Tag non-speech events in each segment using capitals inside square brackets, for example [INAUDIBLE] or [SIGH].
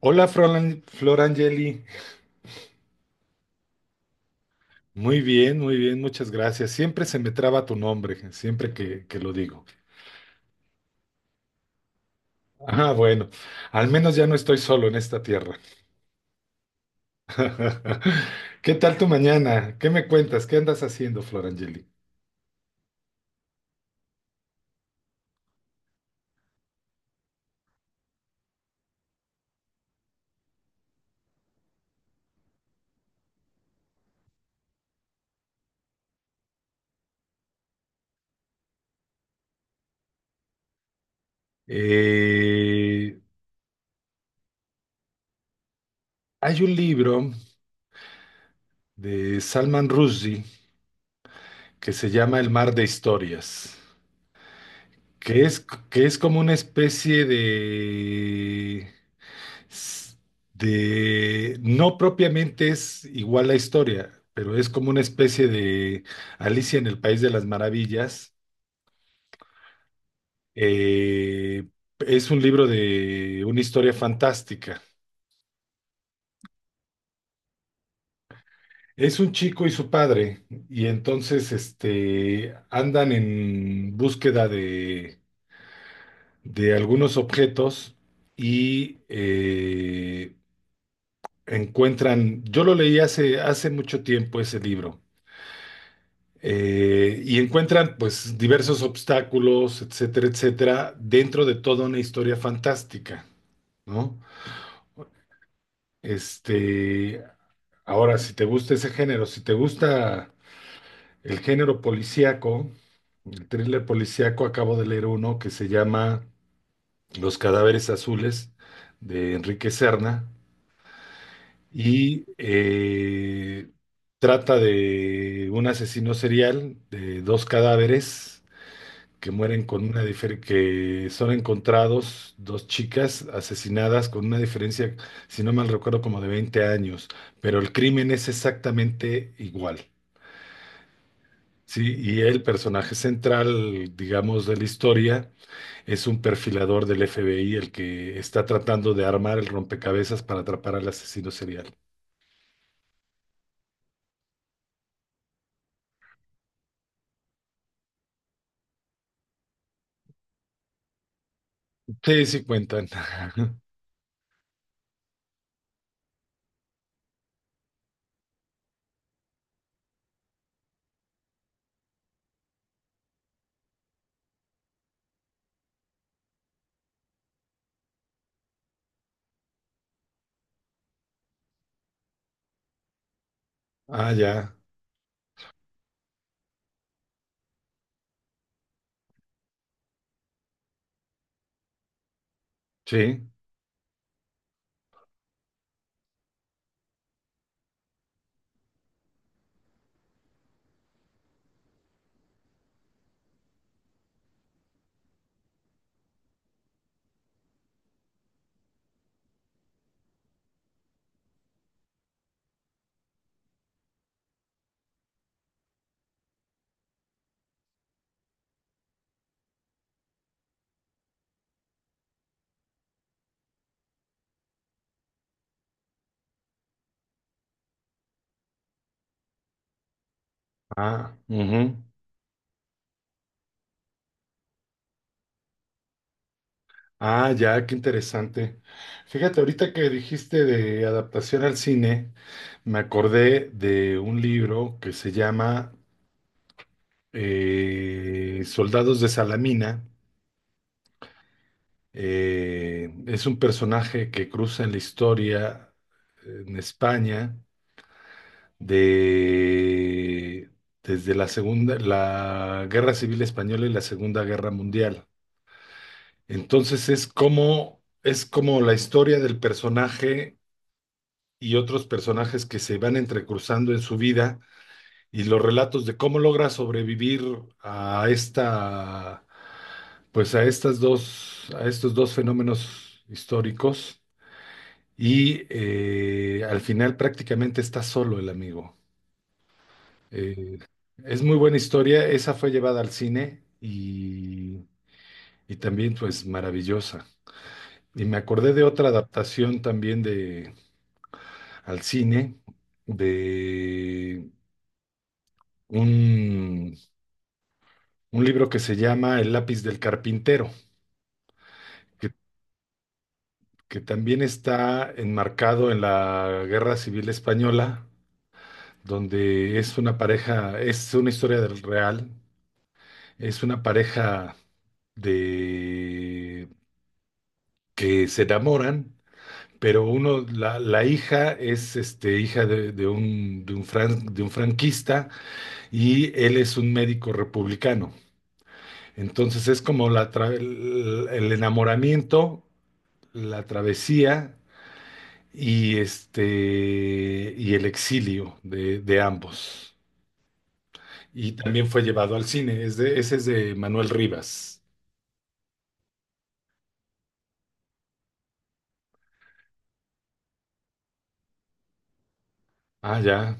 Hola, Flor Angeli. Muy bien, muchas gracias. Siempre se me traba tu nombre, siempre que lo digo. Ah, bueno, al menos ya no estoy solo en esta tierra. [LAUGHS] ¿Qué tal tu mañana? ¿Qué me cuentas? ¿Qué andas haciendo, Flor Angeli? Eh, Hay un libro de Salman Rushdie que se llama El mar de historias, que es como una especie de no propiamente es igual la historia, pero es como una especie de Alicia en el País de las Maravillas. Eh, es un libro de una historia fantástica. Es un chico y su padre, y entonces este, andan en búsqueda de algunos objetos y encuentran, yo lo leí hace mucho tiempo ese libro, y encuentran pues diversos obstáculos, etcétera, etcétera, dentro de toda una historia fantástica, ¿no? Este, ahora, si te gusta ese género, si te gusta el género policíaco, el thriller policíaco, acabo de leer uno que se llama Los cadáveres azules de Enrique Serna y trata de un asesino serial de dos cadáveres que mueren con una diferencia, que son encontrados dos chicas asesinadas con una diferencia, si no mal recuerdo, como de 20 años, pero el crimen es exactamente igual. Sí, y el personaje central, digamos, de la historia es un perfilador del FBI, el que está tratando de armar el rompecabezas para atrapar al asesino serial. Sí, sí cuentan. [LAUGHS] Ah, ya. Sí. Ah, ujú. Ah, ya, qué interesante. Fíjate, ahorita que dijiste de adaptación al cine, me acordé de un libro que se llama Soldados de Salamina. Es un personaje que cruza en la historia en España de, desde la segunda, la Guerra Civil Española y la Segunda Guerra Mundial. Entonces es es como la historia del personaje y otros personajes que se van entrecruzando en su vida y los relatos de cómo logra sobrevivir a pues a estas a estos dos fenómenos históricos y al final prácticamente está solo el amigo. Eh, es muy buena historia, esa fue llevada al cine y también pues maravillosa. Y me acordé de otra adaptación también de al cine de un un libro que se llama El lápiz del carpintero, que, que también está enmarcado en la Guerra Civil Española, donde es una pareja, es una historia del real, es una pareja de que se enamoran, pero uno, la hija es este, hija de un, de un de un franquista y él es un médico republicano. Entonces es como la el enamoramiento, la travesía y este y El exilio de ambos. Y también fue llevado al cine. Ese es de Manuel Rivas. Ah, ya.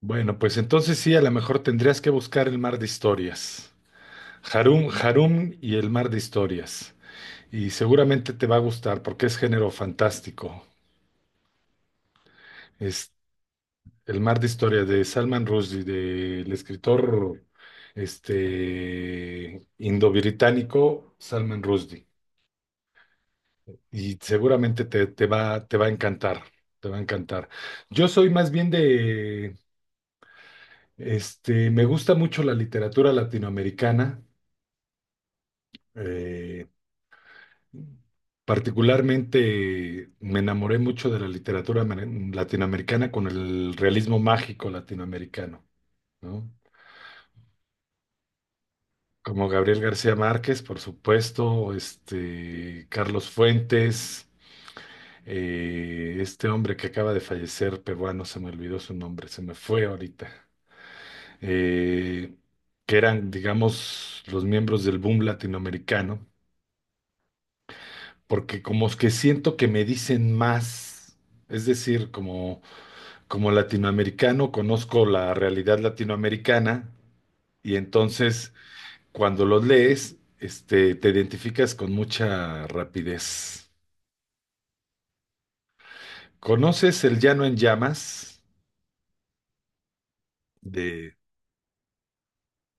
Bueno, pues entonces sí, a lo mejor tendrías que buscar el mar de historias. Harum y el mar de historias. Y seguramente te va a gustar porque es género fantástico. Es el mar de historias de Salman Rushdie, del escritor este, indo-británico Salman Rushdie. Y seguramente te va a encantar, te va a encantar. Yo soy más bien este, me gusta mucho la literatura latinoamericana. eh, particularmente me enamoré mucho de la literatura latinoamericana con el realismo mágico latinoamericano, ¿no? Como Gabriel García Márquez, por supuesto, este, Carlos Fuentes, este hombre que acaba de fallecer, peruano, se me olvidó su nombre, se me fue ahorita. eh, que eran, digamos, los miembros del boom latinoamericano, porque como es que siento que me dicen más, es decir, como, como latinoamericano conozco la realidad latinoamericana y entonces cuando los lees, este, te identificas con mucha rapidez. ¿Conoces El Llano en Llamas de,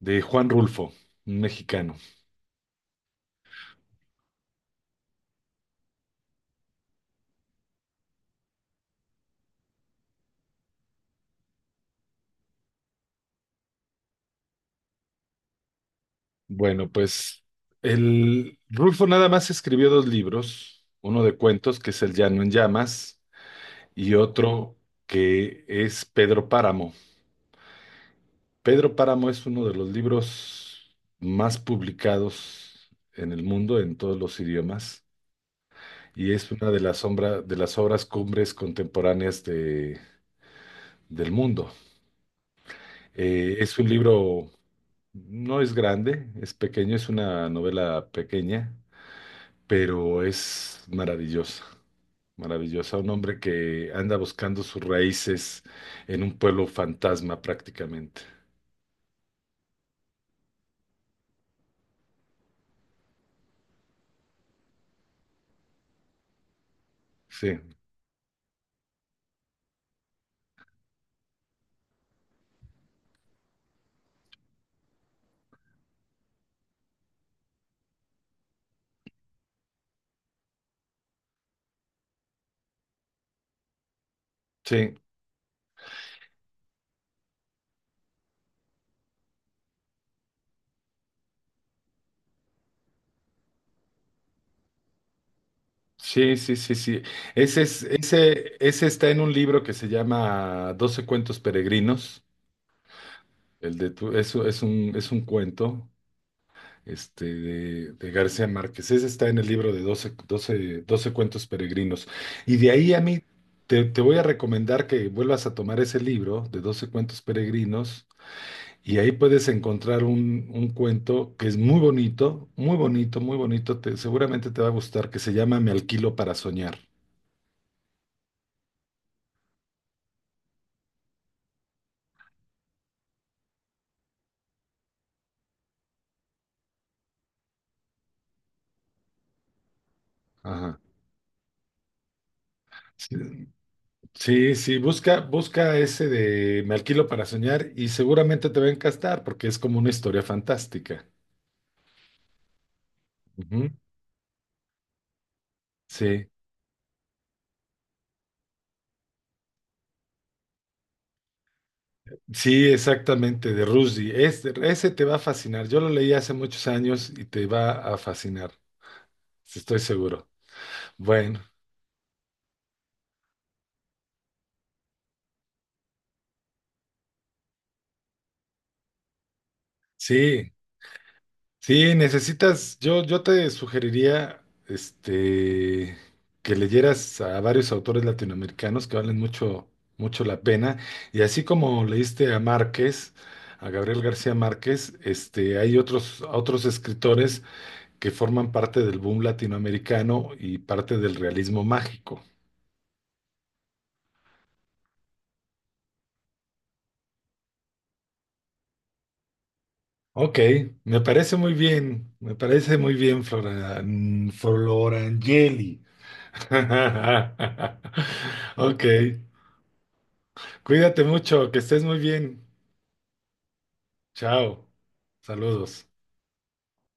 de Juan Rulfo, un mexicano? Bueno, pues el Rulfo nada más escribió dos libros, uno de cuentos que es El Llano en Llamas y otro que es Pedro Páramo. Pedro Páramo es uno de los libros más publicados en el mundo en todos los idiomas y es una de de las obras cumbres contemporáneas del mundo. Es un libro, no es grande, es pequeño, es una novela pequeña, pero es maravillosa. Maravillosa, un hombre que anda buscando sus raíces en un pueblo fantasma prácticamente. Sí, sí, sí. Ese está en un libro que se llama Doce cuentos peregrinos. El de tu, es un cuento este, de García Márquez. Ese está en el libro de Doce cuentos peregrinos. Y de ahí a mí te voy a recomendar que vuelvas a tomar ese libro de Doce cuentos peregrinos y ahí puedes encontrar un cuento que es muy bonito, muy bonito, muy bonito. Seguramente te va a gustar, que se llama Me alquilo para soñar. Ajá. Sí, sí, sí, busca, busca ese de Me alquilo para soñar y seguramente te va a encastar porque es como una historia fantástica. Ujú. Sí, sí, exactamente, de Rushdie. Ese te va a fascinar. Yo lo leí hace muchos años y te va a fascinar, estoy seguro. Bueno, sí. Sí, necesitas, yo te sugeriría este, que leyeras a varios autores latinoamericanos que valen mucho, mucho la pena. Y así como leíste a Márquez, a Gabriel García Márquez, este, hay otros escritores que forman parte del boom latinoamericano y parte del realismo mágico. Ok, me parece muy bien, me parece muy bien, Flora, Florangeli. [LAUGHS] Ok. Cuídate mucho, que estés muy bien. Chao. Saludos.